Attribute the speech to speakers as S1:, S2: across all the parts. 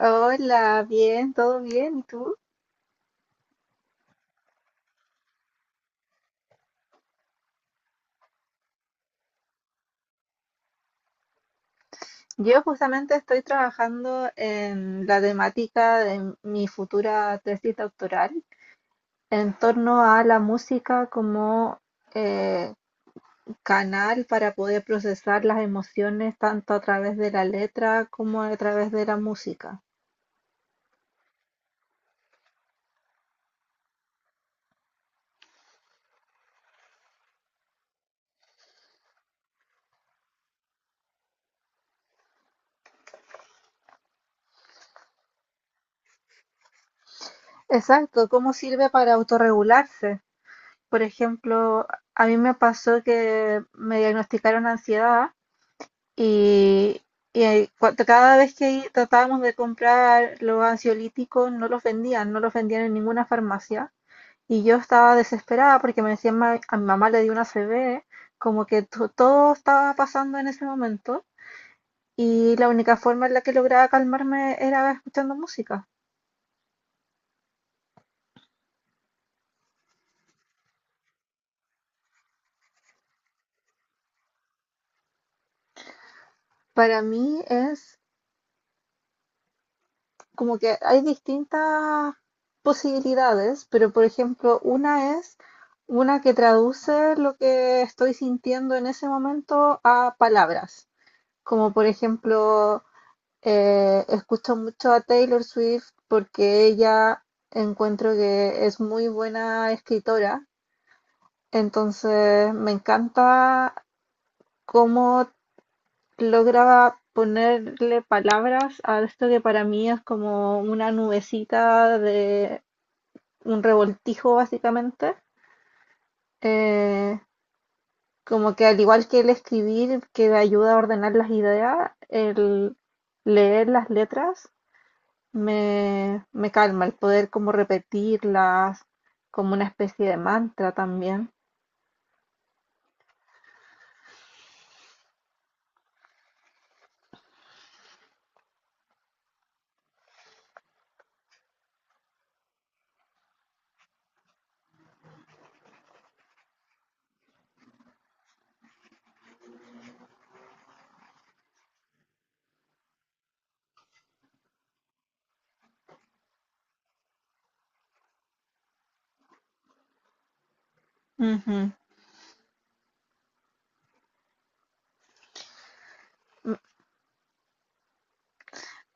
S1: Hola, bien, todo bien, ¿y tú? Yo justamente estoy trabajando en la temática de mi futura tesis doctoral en torno a la música como eh, canal para poder procesar las emociones tanto a través de la letra como a través de la música. Exacto, ¿cómo sirve para autorregularse? Por ejemplo, a mí me pasó que me diagnosticaron ansiedad. Y, y ahí, cada vez que tratábamos de comprar los ansiolíticos, no los vendían, no los vendían en ninguna farmacia. Y yo estaba desesperada porque me decían, A mi mamá le dio una CB", como que todo estaba pasando en ese momento. Y la única forma en la que lograba calmarme era escuchando música. Para mí es como que hay distintas posibilidades, pero por ejemplo, una es una que traduce lo que estoy sintiendo en ese momento a palabras, como por ejemplo, escucho mucho a Taylor Swift porque ella encuentro que es muy buena escritora, entonces me encanta cómo logra ponerle palabras a esto que para mí es como una nubecita de un revoltijo básicamente. Eh, Como que al igual que el escribir, que me ayuda a ordenar las ideas, el leer las letras me calma, el poder como repetirlas, como una especie de mantra también. Ujú. Mm,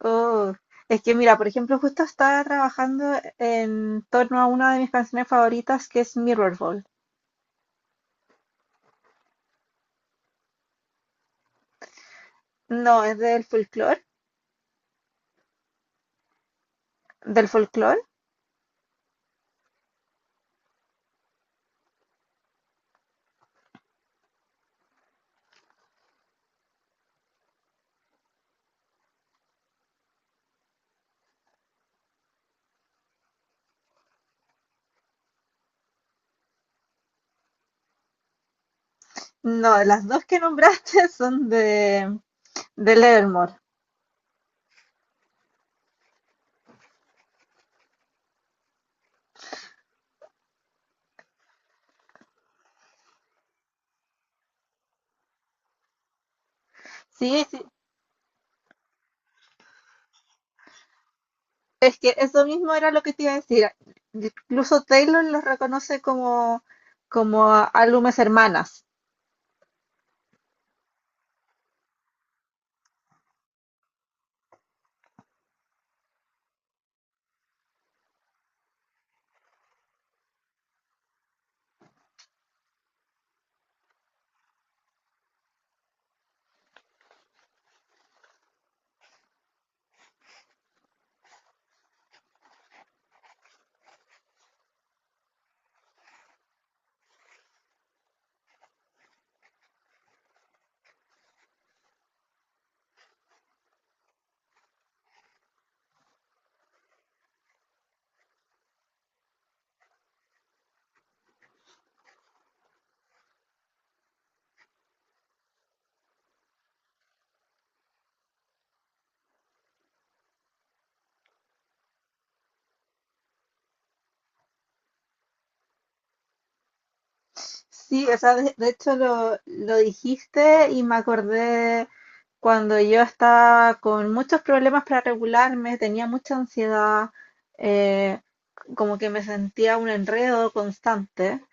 S1: oh, Es que mira, por ejemplo, justo estaba trabajando en torno a una de mis canciones favoritas que es Mirrorball. No, es del folclore, del folclore. No, las dos que nombraste son de De Levermore. Sí, es que eso mismo era lo que te iba a decir. Incluso Taylor los reconoce como álbumes hermanas. Sí, o sea, de hecho lo dijiste y me acordé cuando yo estaba con muchos problemas para regularme, tenía mucha ansiedad, eh, como que me sentía un enredo constante.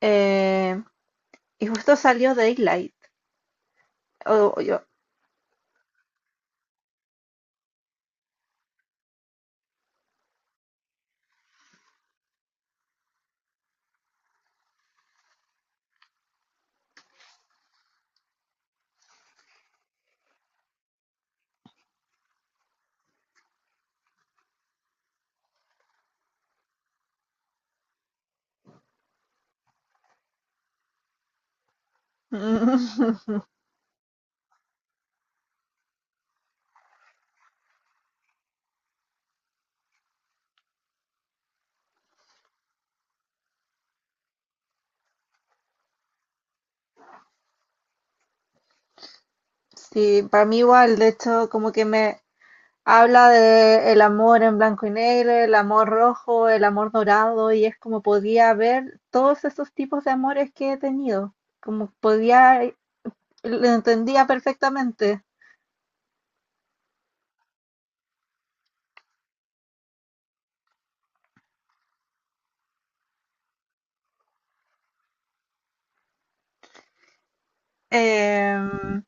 S1: eh, y justo salió Daylight. Oh, yo. Sí, para mí igual, de hecho, como que me habla de el amor en blanco y negro, el amor rojo, el amor dorado, y es como podía ver todos esos tipos de amores que he tenido, como podía, lo entendía perfectamente. Em,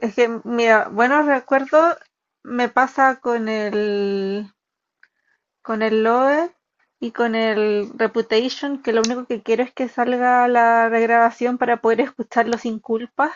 S1: es que, mira, buenos recuerdos me pasa con con el Lover y con el Reputation, que lo único que quiero es que salga la regrabación para poder escucharlo sin culpa.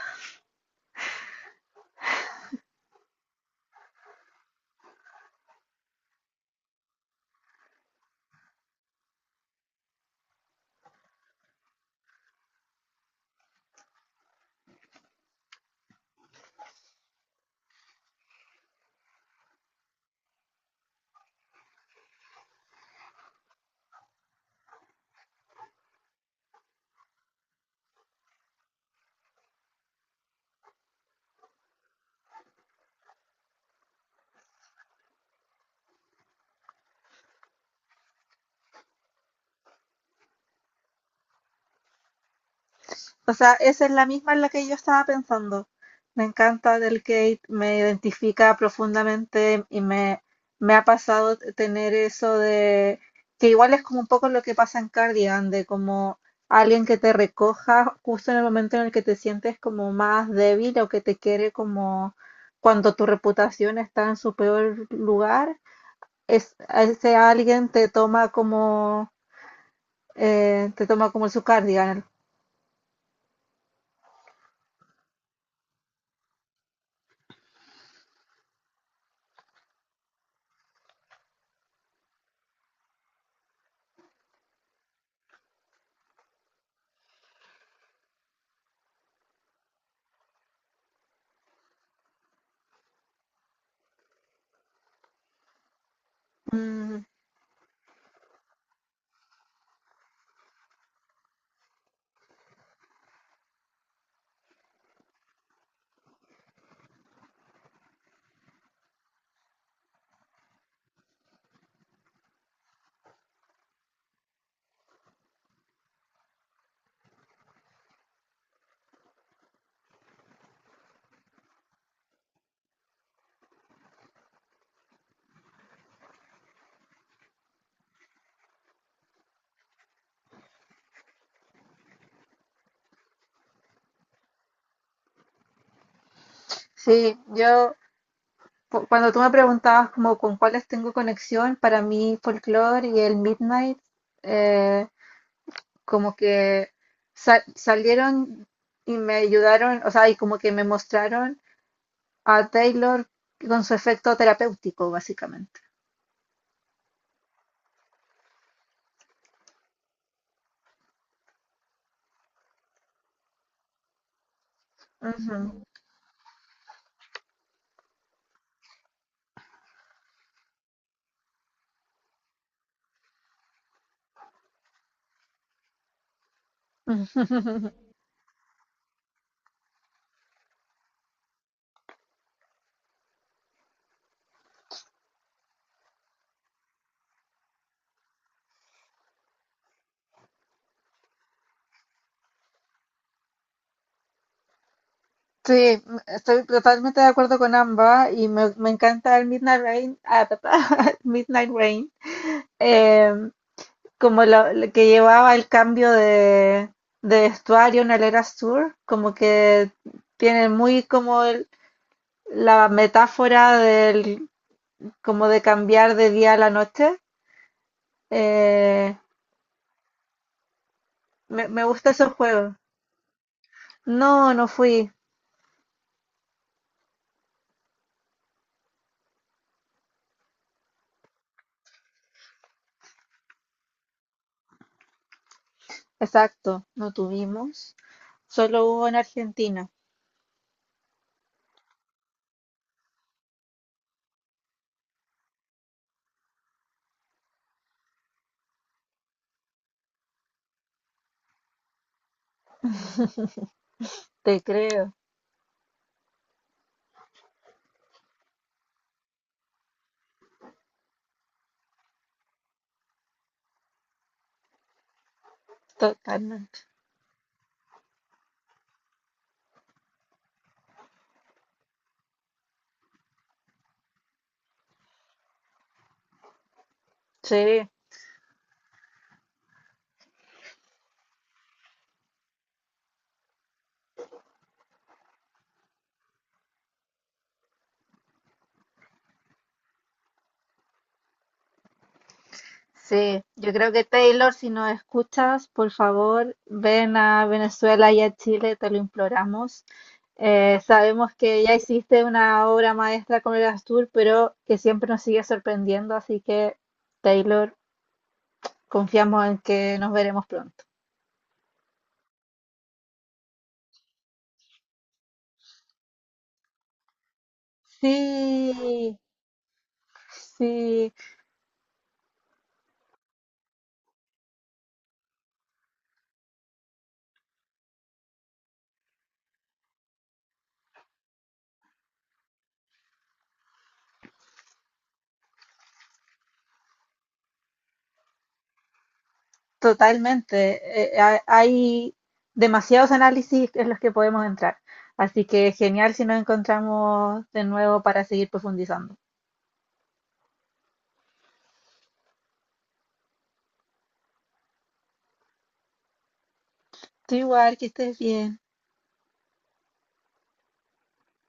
S1: O sea, esa es la misma en la que yo estaba pensando. Me encanta del Kate, me identifica profundamente y me ha pasado tener eso de que igual es como un poco lo que pasa en Cardigan, de como alguien que te recoja justo en el momento en el que te sientes como más débil o que te quiere como cuando tu reputación está en su peor lugar, es, a ese alguien te toma como su Cardigan. Mm, sí, yo cuando tú me preguntabas como con cuáles tengo conexión, para mí folklore y el Midnight eh, como que salieron y me ayudaron, o sea, y como que me mostraron a Taylor con su efecto terapéutico, básicamente. Ujú. Sí, estoy totalmente de acuerdo con ambas y me encanta el Midnight Rain, ah, ta, ta, Midnight Rain. Em, Como la que llevaba el cambio de vestuario en el Era Sur, como que tiene muy como la metáfora del como de cambiar de día a la noche. Eh, Me, me gusta esos juegos. No, no fui. Exacto, no tuvimos. Solo hubo en Argentina, te creo, totalmente. Sí. Sí, yo creo que Taylor, si nos escuchas, por favor, ven a Venezuela y a Chile, te lo imploramos. Sabemos que ya hiciste una obra maestra con el Astur, pero que siempre nos sigue sorprendiendo, así que Taylor, confiamos en que nos veremos pronto. Sí, sí, totalmente. Hay demasiados análisis en los que podemos entrar, así que genial si nos encontramos de nuevo para seguir profundizando. Tú igual, que estés bien.